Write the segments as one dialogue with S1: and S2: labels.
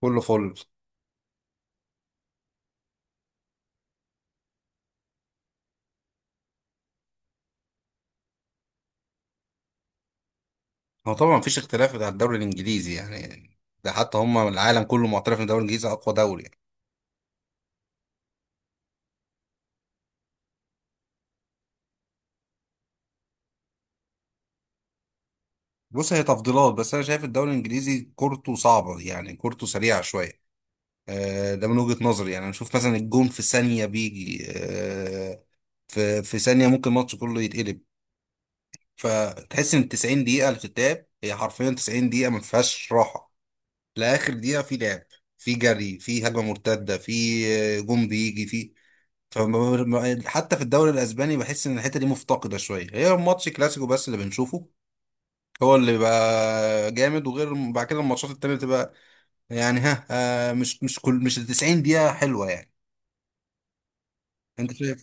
S1: كله فل. هو طبعا مفيش اختلاف على الدوري الانجليزي يعني، ده حتى هم العالم كله معترف ان الدوري الانجليزي اقوى دوري يعني. بص، هي تفضيلات بس انا شايف الدوري الانجليزي كورته صعبه يعني، كورته سريعه شويه. ده من وجهه نظري يعني، انا اشوف مثلا الجون في ثانيه بيجي، في ثانيه ممكن الماتش كله يتقلب. فتحس ان 90 دقيقه اللي بتتلعب هي حرفيا 90 دقيقه ما فيهاش راحه لاخر دقيقه، في لعب، في جري، في هجمه مرتده، في جون بيجي في. حتى في الدوري الاسباني بحس ان الحته دي مفتقده شويه، هي ماتش كلاسيكو بس اللي بنشوفه هو اللي بقى جامد، وغير بعد كده الماتشات التانية بتبقى يعني ها، مش ال 90 دقيقة حلوة يعني. انت شايف؟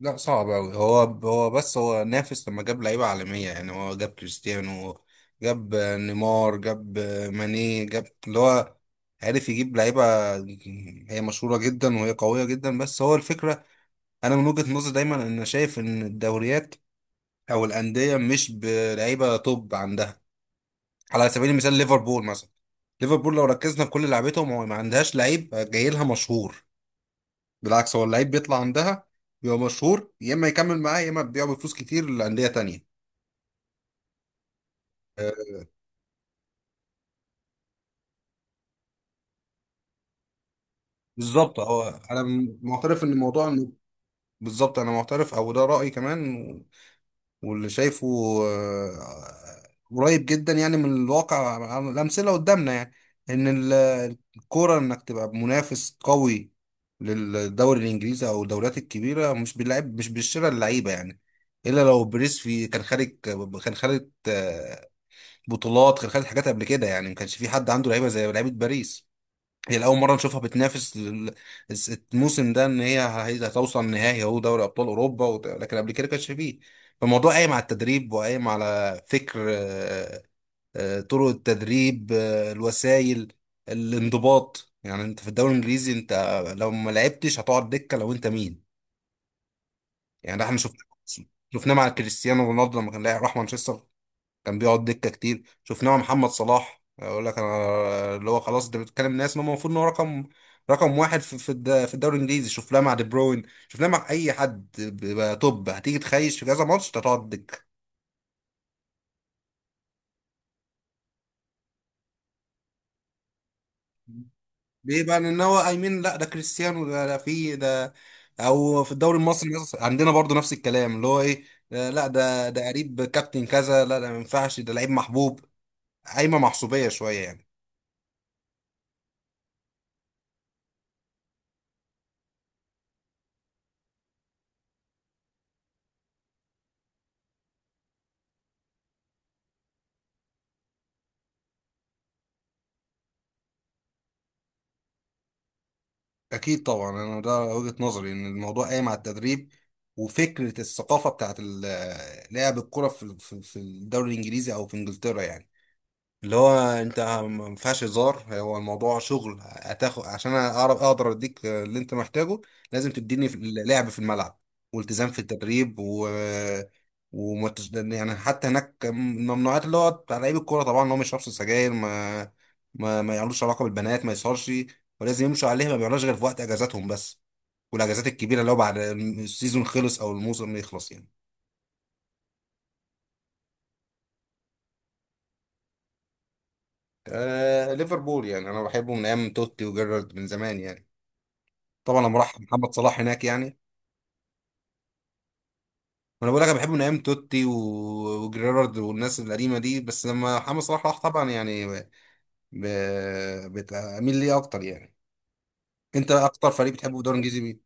S1: لا، صعب قوي هو. هو بس هو نافس لما جاب لعيبة عالمية يعني، هو جاب كريستيانو، جاب نيمار، جاب ماني، جاب اللي هو عارف يجيب لعيبة هي مشهورة جدا وهي قوية جدا، بس هو الفكرة. انا من وجهة نظري دايما ان شايف ان الدوريات او الانديه مش بلعيبه توب عندها. على سبيل المثال ليفربول مثلا، ليفربول لو ركزنا في كل لعيبتهم هو ما عندهاش لعيب جاي لها مشهور، بالعكس هو اللعيب بيطلع عندها، بيبقى مشهور، يا اما يكمل معاه يا اما بيبيعه بفلوس كتير لانديه تانية. آه، بالظبط هو، معترف ان الموضوع انه بالظبط، انا معترف او ده رايي كمان واللي شايفه آه، قريب جدا يعني من الواقع، عن الأمثلة قدامنا يعني، إن الكورة إنك تبقى منافس قوي للدوري الإنجليزي أو الدوريات الكبيرة مش باللعب، مش بالشراء اللعيبة يعني. إلا لو بريسفي كان خارج، كان خارج آه، بطولات، كان خارج حاجات قبل كده يعني، ما كانش في حد عنده لعيبة زي لعيبة باريس، هي لأول مرة نشوفها بتنافس الموسم ده، إن هتوصل نهائي أهو دوري أبطال أوروبا، لكن قبل كده كانش فيه. فالموضوع قايم على التدريب وقايم على فكر، طرق التدريب، الوسائل، الانضباط يعني. أنت في الدوري الإنجليزي أنت لو ما لعبتش هتقعد دكة لو أنت مين، يعني ده إحنا شفناه، شفناه مع كريستيانو رونالدو لما كان لاعب راح مانشستر، كان بيقعد دكه كتير، شفناه مع محمد صلاح، اقول لك انا اللي هو خلاص، انت بتتكلم ناس ما هو المفروض ان هو رقم واحد في الدوري الانجليزي، شفناه مع دي بروين، شفناه مع اي حد بيبقى توب، هتيجي تخيش في كذا ماتش أنت هتقعد دكه. ليه بقى؟ لان هو ايمن، لا ده كريستيانو، ده في ده، او في الدوري المصري مثلا عندنا برضو نفس الكلام اللي هو ايه، لا ده قريب كابتن كذا، لا ده ما ينفعش، ده لعيب محبوب، قايمه محسوبيه شويه يعني. أكيد طبعا، أنا ده وجهة نظري إن الموضوع قايم على التدريب وفكرة الثقافة بتاعت لعب الكرة في الدوري الإنجليزي أو في إنجلترا يعني. اللي هو انت ما ينفعش هزار، هو الموضوع شغل، هتاخد عشان اعرف اقدر اديك اللي انت محتاجه، لازم تديني لعب في الملعب، والتزام في التدريب، يعني حتى هناك الممنوعات اللي هو بتاع لعيب الكوره طبعا، اللي هو ما يشربش سجاير، ما يعملوش علاقه بالبنات، ما يسهرش، ولازم يمشوا عليها، ما بيعملوش غير في وقت اجازاتهم بس، والاجازات الكبيره اللي هو بعد السيزون خلص او الموسم يخلص يعني. آه، ليفربول يعني، انا بحبه من ايام توتي وجيرارد من زمان يعني، طبعا لما راح محمد صلاح هناك يعني. وانا بقول لك، انا بحبه من ايام توتي وجيرارد والناس القديمه دي، بس لما محمد صلاح راح طبعا يعني بتميل ليه اكتر يعني. انت اكتر فريق بتحبه في الدوري الانجليزي مين؟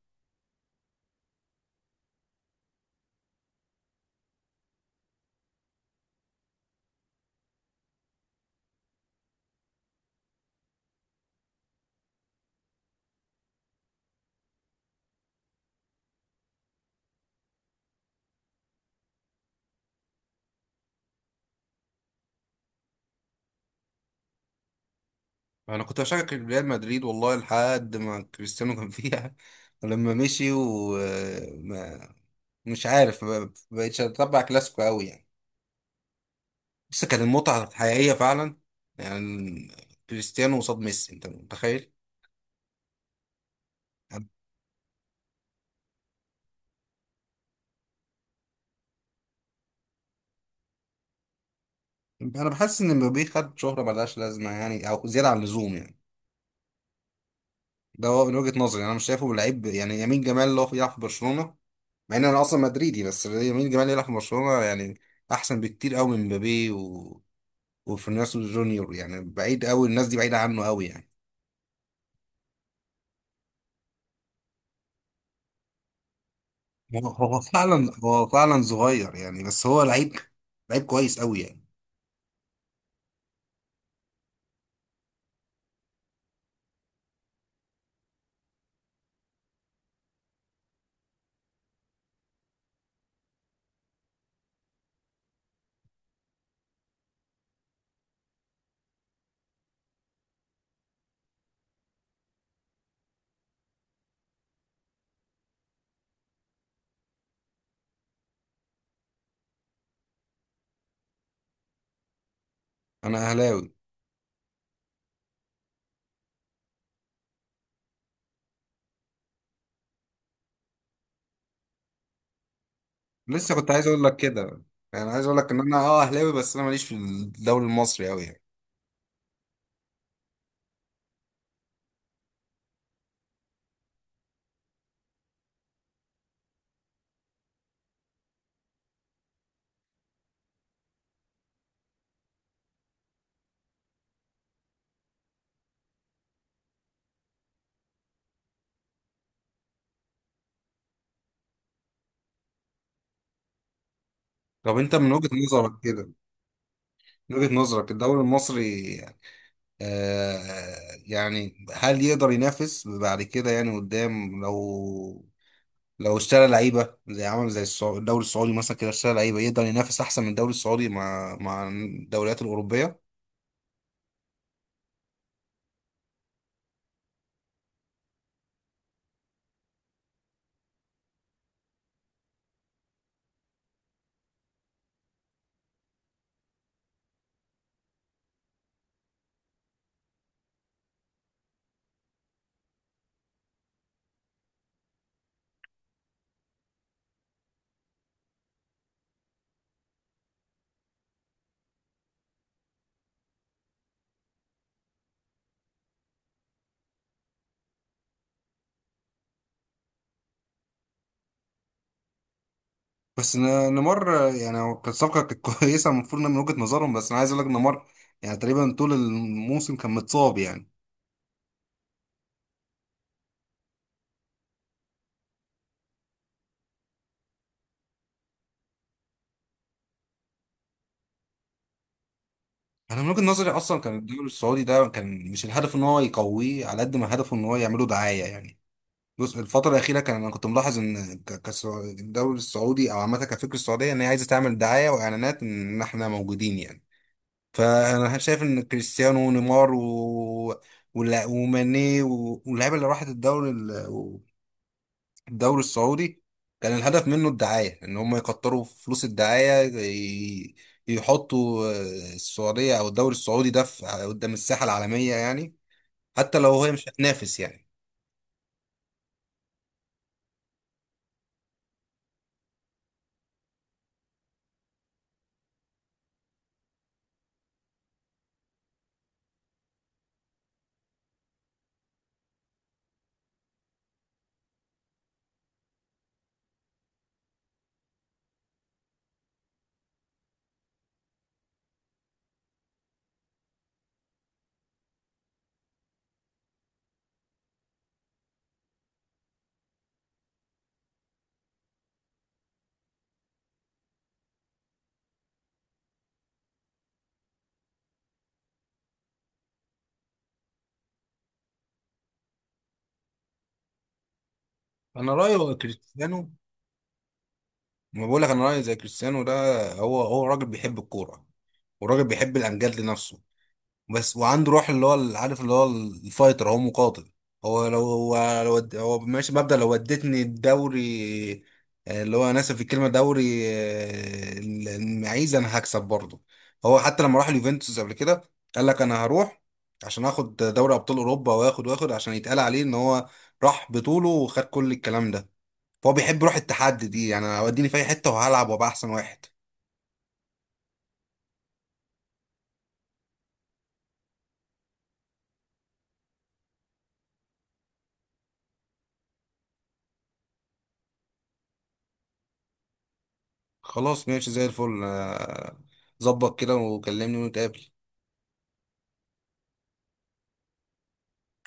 S1: انا كنت بشجع ريال مدريد والله لحد ما كريستيانو كان فيها لما مشي، ومش عارف، ما بقتش اتبع كلاسيكو قوي يعني. بس كانت المتعه الحقيقيه فعلا، يعني كريستيانو قصاد ميسي، انت متخيل؟ انا بحس ان مبابي خد شهره ملهاش لازمه يعني، او زياده عن اللزوم يعني، ده هو من وجهه نظري، انا مش شايفه لعيب يعني. يمين جمال اللي هو بيلعب في برشلونه، مع ان انا اصلا مدريدي، بس يمين جمال يلعب في برشلونه يعني احسن بكتير قوي من مبابي وفينيسيوس جونيور يعني، بعيد قوي، الناس دي بعيده عنه قوي يعني. هو فعلا صغير يعني، بس هو لعيب، لعيب كويس قوي يعني. انا اهلاوي. لسه كنت عايز اقول لك كده، يعني عايز اقول لك ان انا اهلاوي بس انا ماليش في الدوري المصري قوي يعني. طب انت من وجهه نظرك كده، من وجهة نظرك الدوري المصري، آه يعني هل يقدر ينافس بعد كده يعني قدام، لو اشترى لعيبة زي عمل زي الدوري السعودي مثلا كده اشترى لعيبة، يقدر ينافس أحسن من الدوري السعودي مع الدوريات الأوروبية؟ بس نيمار يعني هو كانت صفقة، كانت كويسة المفروض إنها من وجهة نظرهم، بس أنا عايز أقول لك نيمار يعني تقريبا طول الموسم كان متصاب يعني. أنا من وجهة نظري أصلا كان الدوري السعودي ده، كان مش الهدف إن هو يقويه على قد ما هدفه إن هو يعمله دعاية يعني. بص، الفترة الأخيرة كان أنا كنت ملاحظ إن الدوري السعودي، أو عامة كفكرة السعودية، إن هي عايزة تعمل دعاية وإعلانات إن إحنا موجودين يعني، فأنا شايف إن كريستيانو ونيمار وماني واللعيبة اللي راحت الدوري الدوري السعودي، كان الهدف منه الدعاية، إن هم يكتروا فلوس الدعاية يحطوا السعودية أو الدوري السعودي ده قدام الساحة العالمية يعني، حتى لو هي مش هتنافس يعني. أنا رأيي هو كريستيانو، ما بقول لك انا رايي زي كريستيانو ده، هو راجل بيحب الكوره، وراجل بيحب الامجاد لنفسه بس، وعنده روح اللي هو عارف اللي هو الفايتر، هو مقاتل. هو ماشي مبدأ لو ودتني الدوري، اللي هو انا اسف في الكلمه، دوري المعيز، انا هكسب برضه. هو حتى لما راح اليوفنتوس قبل كده قال لك انا هروح عشان اخد دوري ابطال اوروبا، واخد عشان يتقال عليه ان هو راح بطوله وخد كل الكلام ده، فهو بيحب روح التحدي دي يعني، أنا وديني في اي حته وهلعب وابقى احسن واحد. خلاص، ماشي زي الفل. ظبط كده وكلمني ونتقابل.